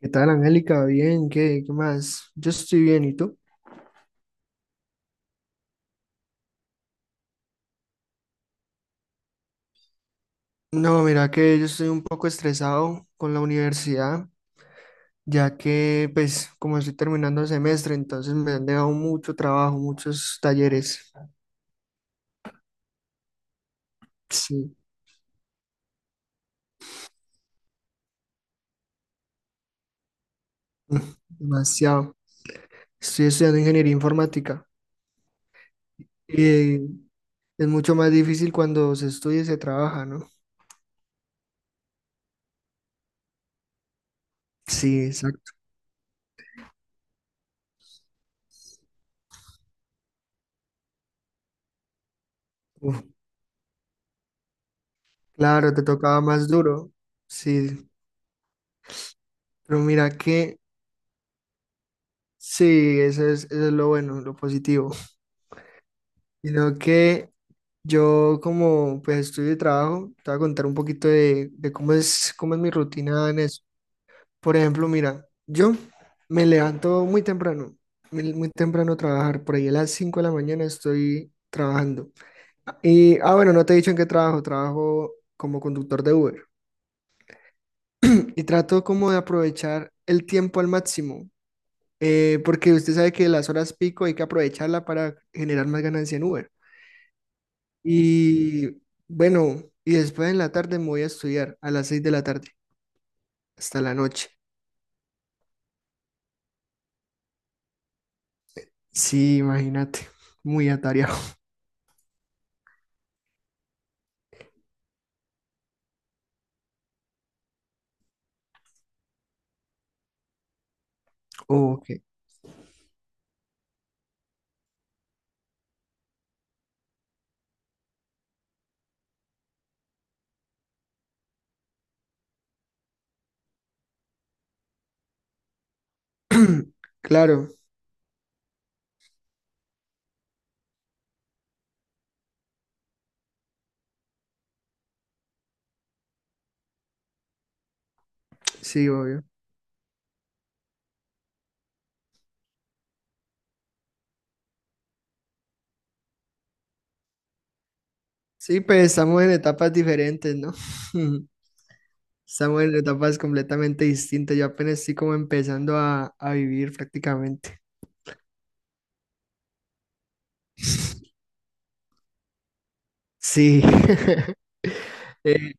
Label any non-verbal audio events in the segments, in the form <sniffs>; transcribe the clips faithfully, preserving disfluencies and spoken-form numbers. ¿Qué tal, Angélica? Bien, ¿qué, qué más? Yo estoy bien, ¿y tú? No, mira que yo estoy un poco estresado con la universidad, ya que, pues, como estoy terminando el semestre, entonces me han dejado mucho trabajo, muchos talleres. Sí, <laughs> demasiado. Estoy estudiando ingeniería informática y es mucho más difícil cuando se estudia y se trabaja, ¿no? Sí, exacto. Uf, claro, te tocaba más duro. Sí, pero mira que sí, eso es, eso es lo bueno, lo positivo. Sino que yo, como pues estudio y trabajo, te voy a contar un poquito de, de cómo es, cómo es mi rutina en eso. Por ejemplo, mira, yo me levanto muy temprano, muy, muy temprano a trabajar, por ahí a las cinco de la mañana estoy trabajando. Y, ah, bueno, no te he dicho en qué trabajo, trabajo como conductor de Uber. Y trato como de aprovechar el tiempo al máximo, eh, porque usted sabe que las horas pico hay que aprovecharla para generar más ganancia en Uber. Y bueno, y después en la tarde me voy a estudiar a las seis de la tarde hasta la noche. Sí, imagínate, muy atareado. <laughs> Oh, ok. <clears throat> Claro, sí, obvio. Sí, pues estamos en etapas diferentes, ¿no? <laughs> Estamos en etapas completamente distintas. Yo apenas estoy como empezando a, a vivir prácticamente. Sí. <laughs> Eh,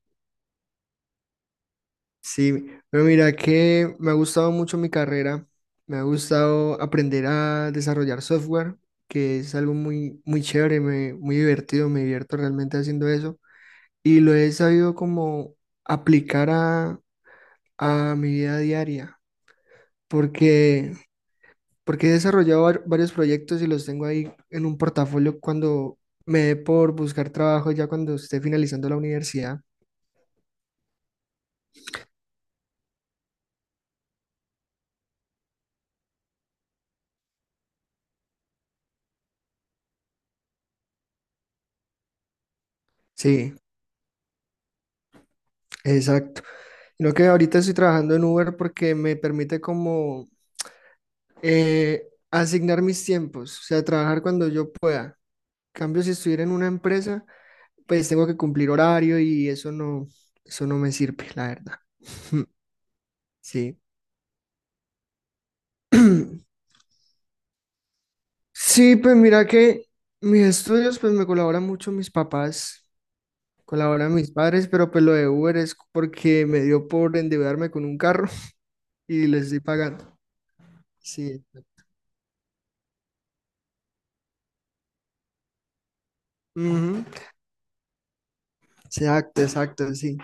Sí, pero mira que me ha gustado mucho mi carrera, me ha gustado aprender a desarrollar software, que es algo muy, muy chévere, me- muy divertido, me divierto realmente haciendo eso y lo he sabido como aplicar a, a mi vida diaria, porque, porque he desarrollado var- varios proyectos y los tengo ahí en un portafolio cuando me dé por buscar trabajo ya cuando esté finalizando la universidad. Sí, exacto. Sino que ahorita estoy trabajando en Uber porque me permite como eh, asignar mis tiempos, o sea, trabajar cuando yo pueda. En cambio, si estuviera en una empresa, pues tengo que cumplir horario y eso no, eso no me sirve, la verdad. <laughs> Sí. <clears throat> Sí, pues mira que mis estudios, pues me colaboran mucho mis papás, colaboran mis padres, pero pues lo de Uber es porque me dio por endeudarme con un carro <laughs> y les estoy pagando. Sí. Ujú, exacto, exacto, sí.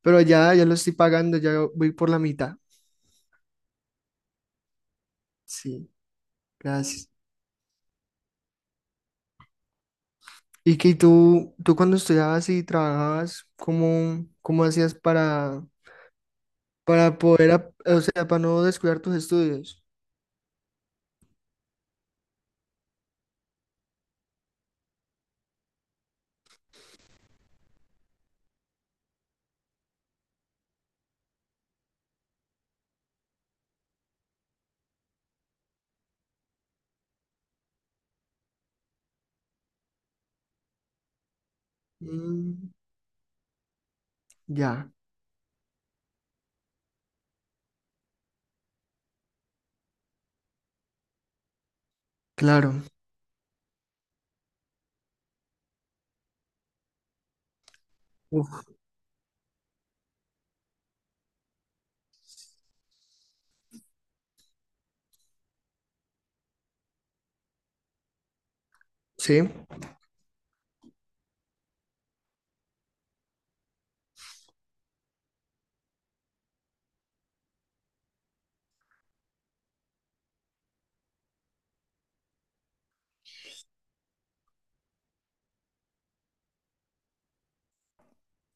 Pero ya, ya lo estoy pagando, ya voy por la mitad. Sí, gracias. Y que tú, tú cuando estudiabas y trabajabas, ¿cómo, cómo hacías para, para poder, ap- o sea, para no descuidar tus estudios? Mm, ya, claro. Uf, sí.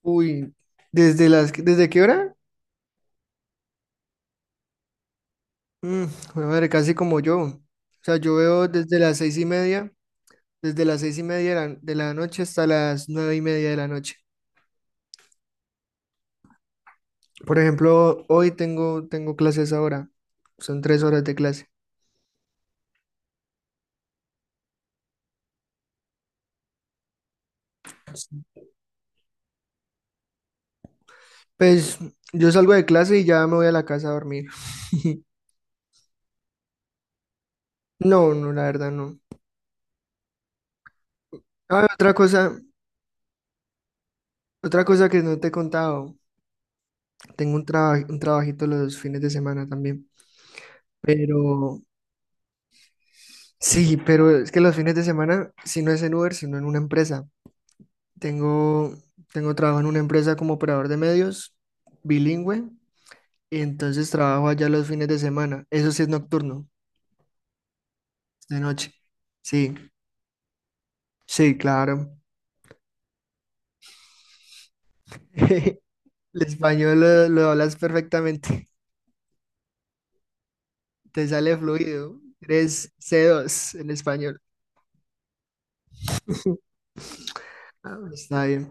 Uy, ¿desde las, ¿desde qué hora? Mm, jue madre, casi como yo. O sea, yo veo desde las seis y media, desde las seis y media de la de la noche hasta las nueve y media de la noche. Por ejemplo, hoy tengo, tengo clases ahora. Son tres horas de clase. Pues yo salgo de clase y ya me voy a la casa a dormir. <laughs> No, no, la verdad no. Ah, otra cosa, otra cosa que no te he contado. Tengo un, traba- un trabajito los fines de semana también. Pero sí, pero es que los fines de semana, si no es en Uber, sino en una empresa. Tengo, tengo trabajo en una empresa como operador de medios, bilingüe, y entonces trabajo allá los fines de semana. Eso sí es nocturno. De noche. Sí, sí, claro. <laughs> El español lo, lo hablas perfectamente. Te sale fluido. Eres C dos en español. <laughs> Ah, está bien.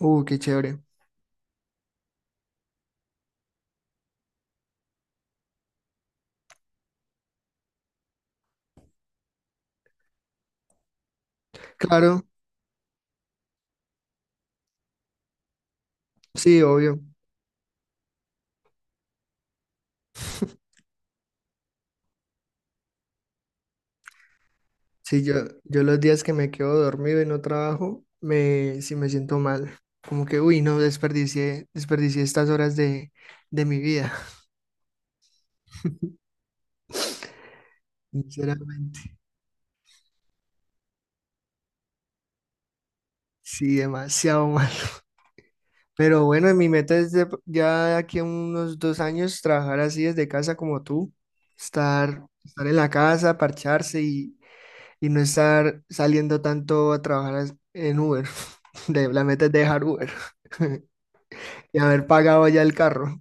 Uh, qué chévere. Claro, sí, obvio. Sí, yo, yo los días que me quedo dormido y no trabajo, me, sí me siento mal. Como que, uy, no, desperdicié, desperdicié estas horas de, de mi vida. <laughs> Sinceramente, sí, demasiado. Pero bueno, mi meta es de- ya de aquí a unos dos años trabajar así desde casa como tú, estar, estar en la casa, parcharse y, y no estar saliendo tanto a trabajar as- en Uber. <laughs> De, la meta es dejar Uber <laughs> y haber pagado ya el carro.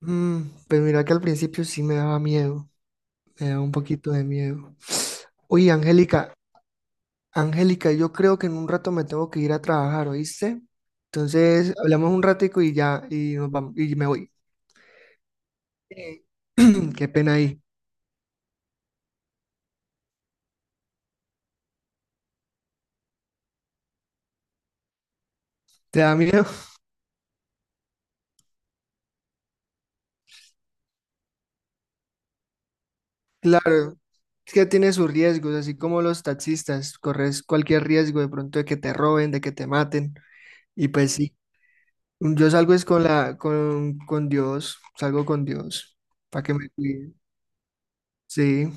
Mm, pues mira que al principio sí me daba miedo, me daba un poquito de miedo. <sniffs> Oye, Angélica, Angélica, yo creo que en un rato me tengo que ir a trabajar, ¿oíste? Entonces, hablamos un ratico y ya, y nos vamos, y me voy. Eh, <clears throat> qué pena ahí. ¿Te da miedo? <laughs> Claro, es que tiene sus riesgos, así como los taxistas, corres cualquier riesgo de pronto de que te roben, de que te maten. Y pues sí, yo salgo es con la, con, con Dios, salgo con Dios, para que me cuide. Sí,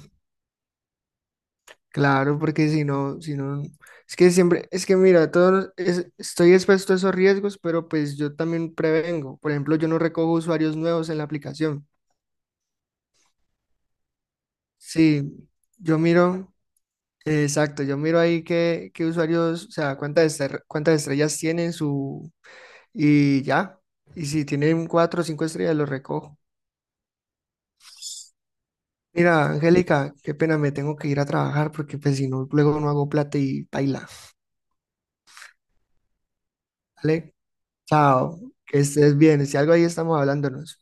claro, porque si no, si no, es que siempre, es que mira, todo es- estoy expuesto a esos riesgos, pero pues yo también prevengo. Por ejemplo, yo no recojo usuarios nuevos en la aplicación. Sí, yo miro. Exacto, yo miro ahí qué, qué usuarios, o sea, cuántas, estre- cuántas estrellas tienen su... Y ya, y si tienen cuatro o cinco estrellas, los recojo. Mira, Angélica, qué pena, me tengo que ir a trabajar porque pues si no, luego no hago plata y baila, ¿vale? Chao, que estés bien, si algo ahí estamos hablándonos.